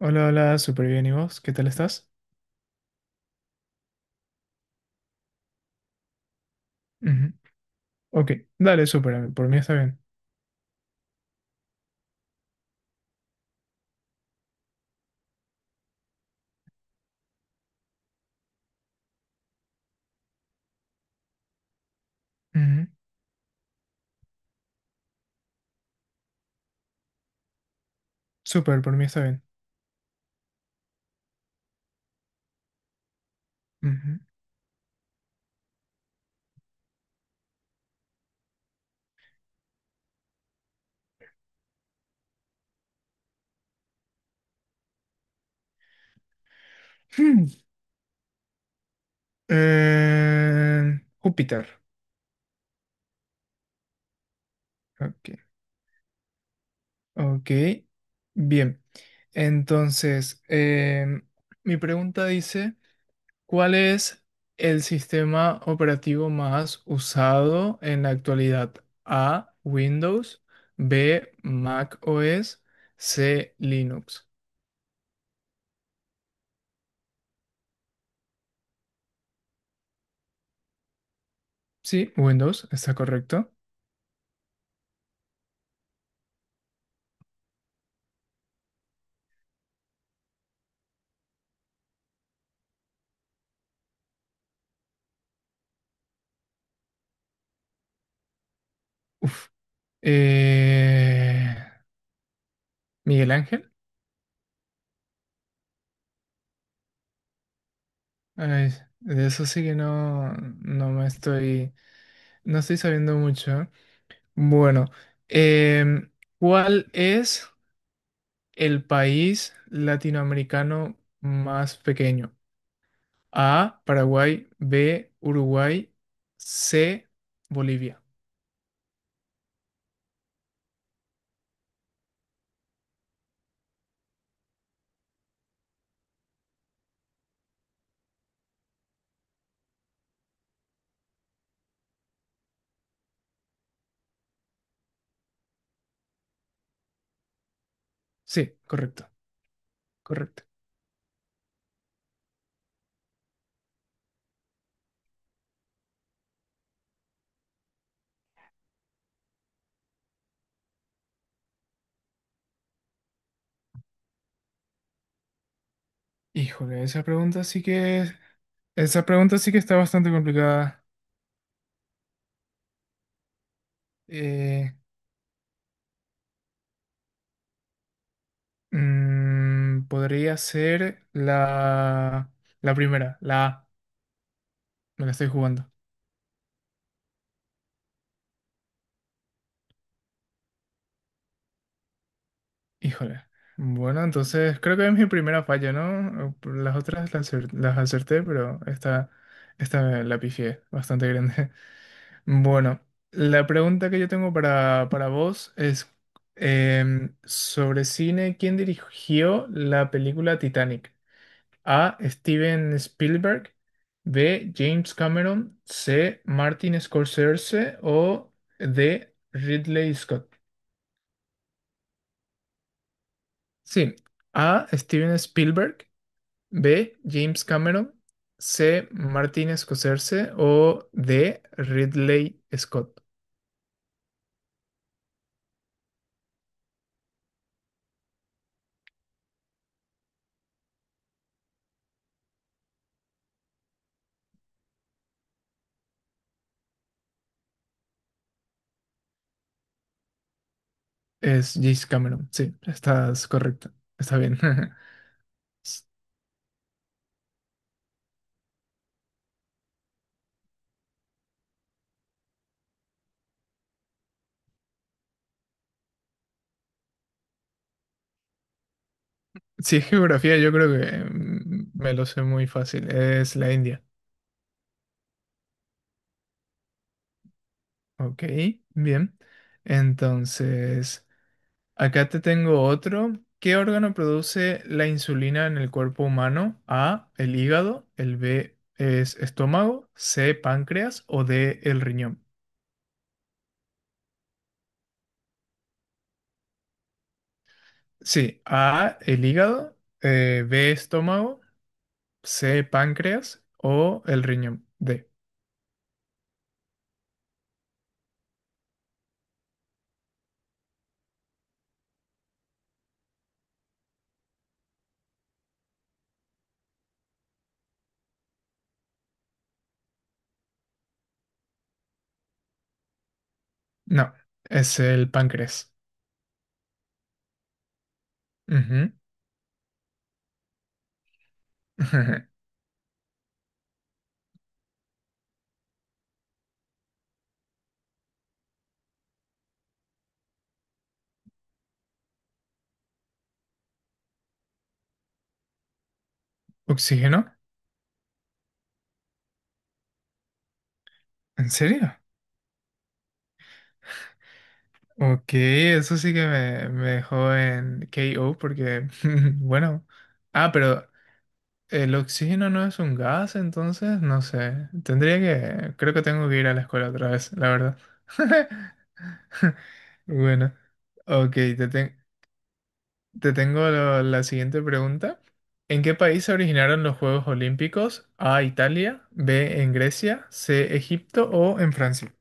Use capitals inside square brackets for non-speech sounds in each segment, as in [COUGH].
Hola, hola, súper bien. ¿Y vos? ¿Qué tal estás? Ujú. Ok, dale, súper. Por mí está bien. Ujú. Súper, por mí está bien. Ujú. [CLEARS THROAT] Hmm. Júpiter. Ok, ok. Bien. Entonces, mi pregunta dice, ¿cuál es el sistema operativo más usado en la actualidad? A, Windows, B, Mac OS, C, Linux. Sí, Windows, está correcto. Uf. Eh, Miguel Ángel. Ay, de eso sí que no, no estoy sabiendo mucho. Bueno, em, ¿cuál es el país latinoamericano más pequeño? A, Paraguay, B, Uruguay, C, Bolivia. Sí, correcto, correcto. Híjole, esa pregunta sí que es. Esa pregunta sí que está bastante complicada. Eh, podría ser la primera, la A. Me la estoy jugando. Híjole. Bueno, entonces creo que es mi primera falla, ¿no? Por las otras las acerté, pero esta la pifié bastante grande. [LAUGHS] Bueno, la pregunta que yo tengo para vos es sobre cine, ¿quién dirigió la película Titanic? A. Steven Spielberg. B. James Cameron. C. Martin Scorsese. O D. Ridley Scott. Sí. A. Steven Spielberg. B. James Cameron. C. Martin Scorsese. O D. Ridley Scott. Es James Cameron. Sí, estás correcta. Está bien. [LAUGHS] Si es geografía, yo creo que me lo sé muy fácil. Es la India. Ok, bien. Entonces, acá te tengo otro. ¿Qué órgano produce la insulina en el cuerpo humano? A, el hígado, el B es estómago, C, páncreas o D, el riñón. Sí, A, el hígado, B, estómago, C, páncreas o el riñón. D. No, es el páncreas. Ujú. [LAUGHS] ¿Oxígeno? ¿En serio? Ok, eso sí que me dejó en KO porque, [LAUGHS] bueno, ah, pero el oxígeno no es un gas, entonces, no sé, creo que tengo que ir a la escuela otra vez, la verdad. [LAUGHS] Bueno, ok, te tengo la siguiente pregunta. ¿En qué país se originaron los Juegos Olímpicos? A, Italia, B, en Grecia, C, Egipto o en Francia.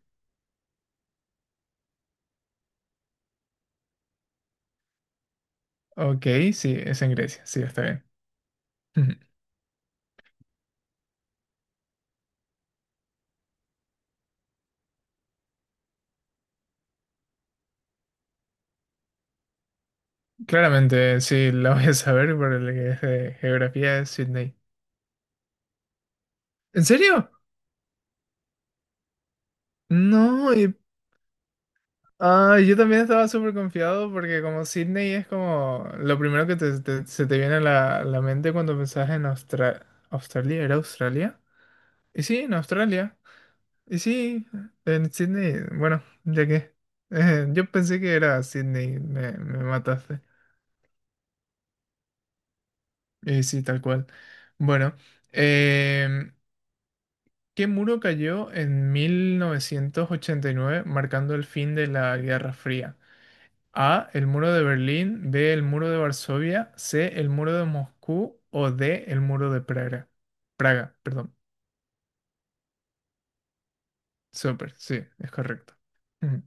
Ok, sí, es en Grecia, sí, está bien. [LAUGHS] Claramente, sí, la voy a saber por el que es de geografía de Sydney. ¿En serio? No, y- ah, yo también estaba súper confiado porque como Sydney es como lo primero que se te viene a la mente cuando pensás en Australia, ¿era Australia? Y sí, en Australia. Y sí, en Sydney, bueno, ya que yo pensé que era Sydney, me mataste. Y sí, tal cual. Bueno. em, ¿Qué muro cayó en 1989, marcando el fin de la Guerra Fría? A. El muro de Berlín. B. El muro de Varsovia. C. El muro de Moscú. O D. El muro de Praga. Praga, perdón. Súper, sí, es correcto. Mm.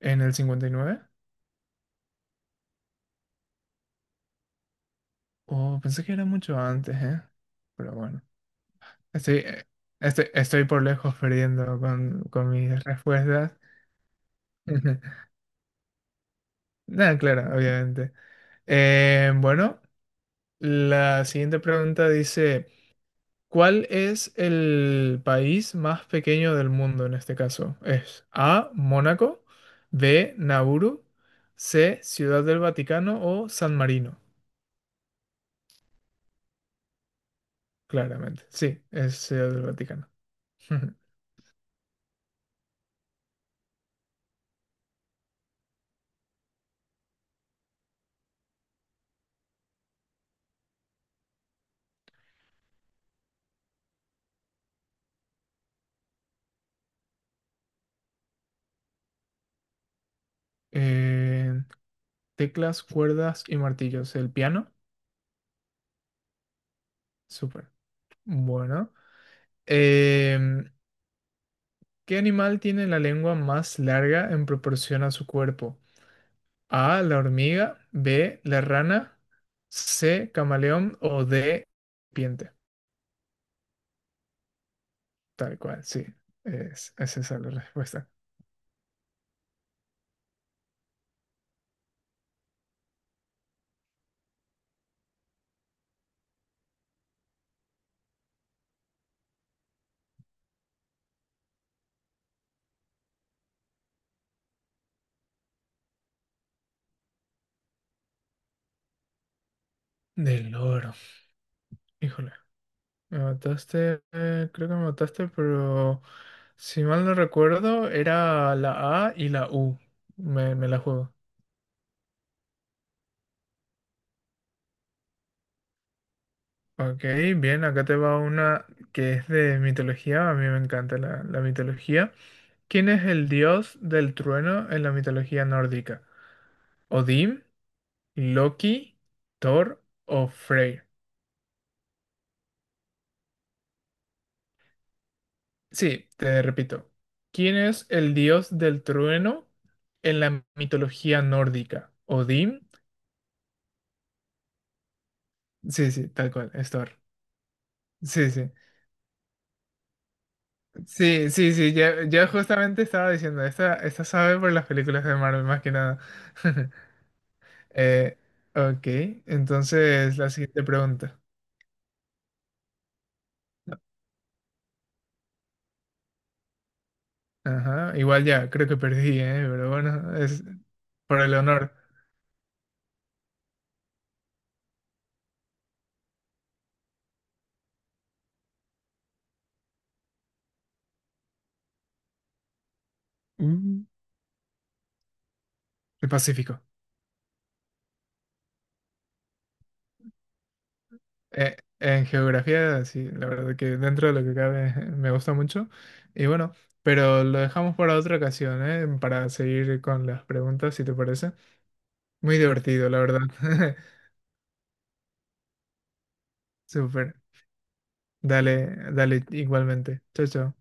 ¿En el 59? Oh, pensé que era mucho antes, ¿eh? Pero bueno. Estoy, estoy por lejos perdiendo con mis respuestas. [LAUGHS] Nada, claro, obviamente. Bueno. La siguiente pregunta dice, ¿cuál es el país más pequeño del mundo en este caso? ¿Es A, Mónaco, B, Nauru, C, Ciudad del Vaticano o San Marino? Claramente, sí, es Ciudad del Vaticano. [LAUGHS] Eh, teclas, cuerdas y martillos. ¿El piano? Súper. Bueno. Em, ¿Qué animal tiene la lengua más larga en proporción a su cuerpo? A, la hormiga, B, la rana, C, camaleón o D, serpiente. Tal cual, sí. Es esa la respuesta. Del loro. Híjole, me mataste, creo que me mataste, pero si mal no recuerdo, era la A y la U. Me la juego. Ok, bien, acá te va una que es de mitología. A mí me encanta la mitología. ¿Quién es el dios del trueno en la mitología nórdica? ¿Odín? Loki, Thor o Freyr. Sí, te repito. ¿Quién es el dios del trueno en la mitología nórdica? ¿Odín? Sí, sí, tal cual, es Thor. Sí, sí. Sí, sí, sí, ya, ya justamente estaba diciendo, esta sabe por las películas de Marvel, más que nada. [LAUGHS] Eh, ok, entonces la siguiente pregunta. Ajá, igual ya, creo que perdí, ¿eh? Pero bueno, es por el honor. Mm. El Pacífico. En geografía, sí, la verdad que dentro de lo que cabe [LAUGHS] me gusta mucho. Y bueno, pero lo dejamos para otra ocasión, ¿eh? Para seguir con las preguntas, si te parece. Muy divertido, la verdad. [LAUGHS] Súper. Dale, dale igualmente. Chao, chao.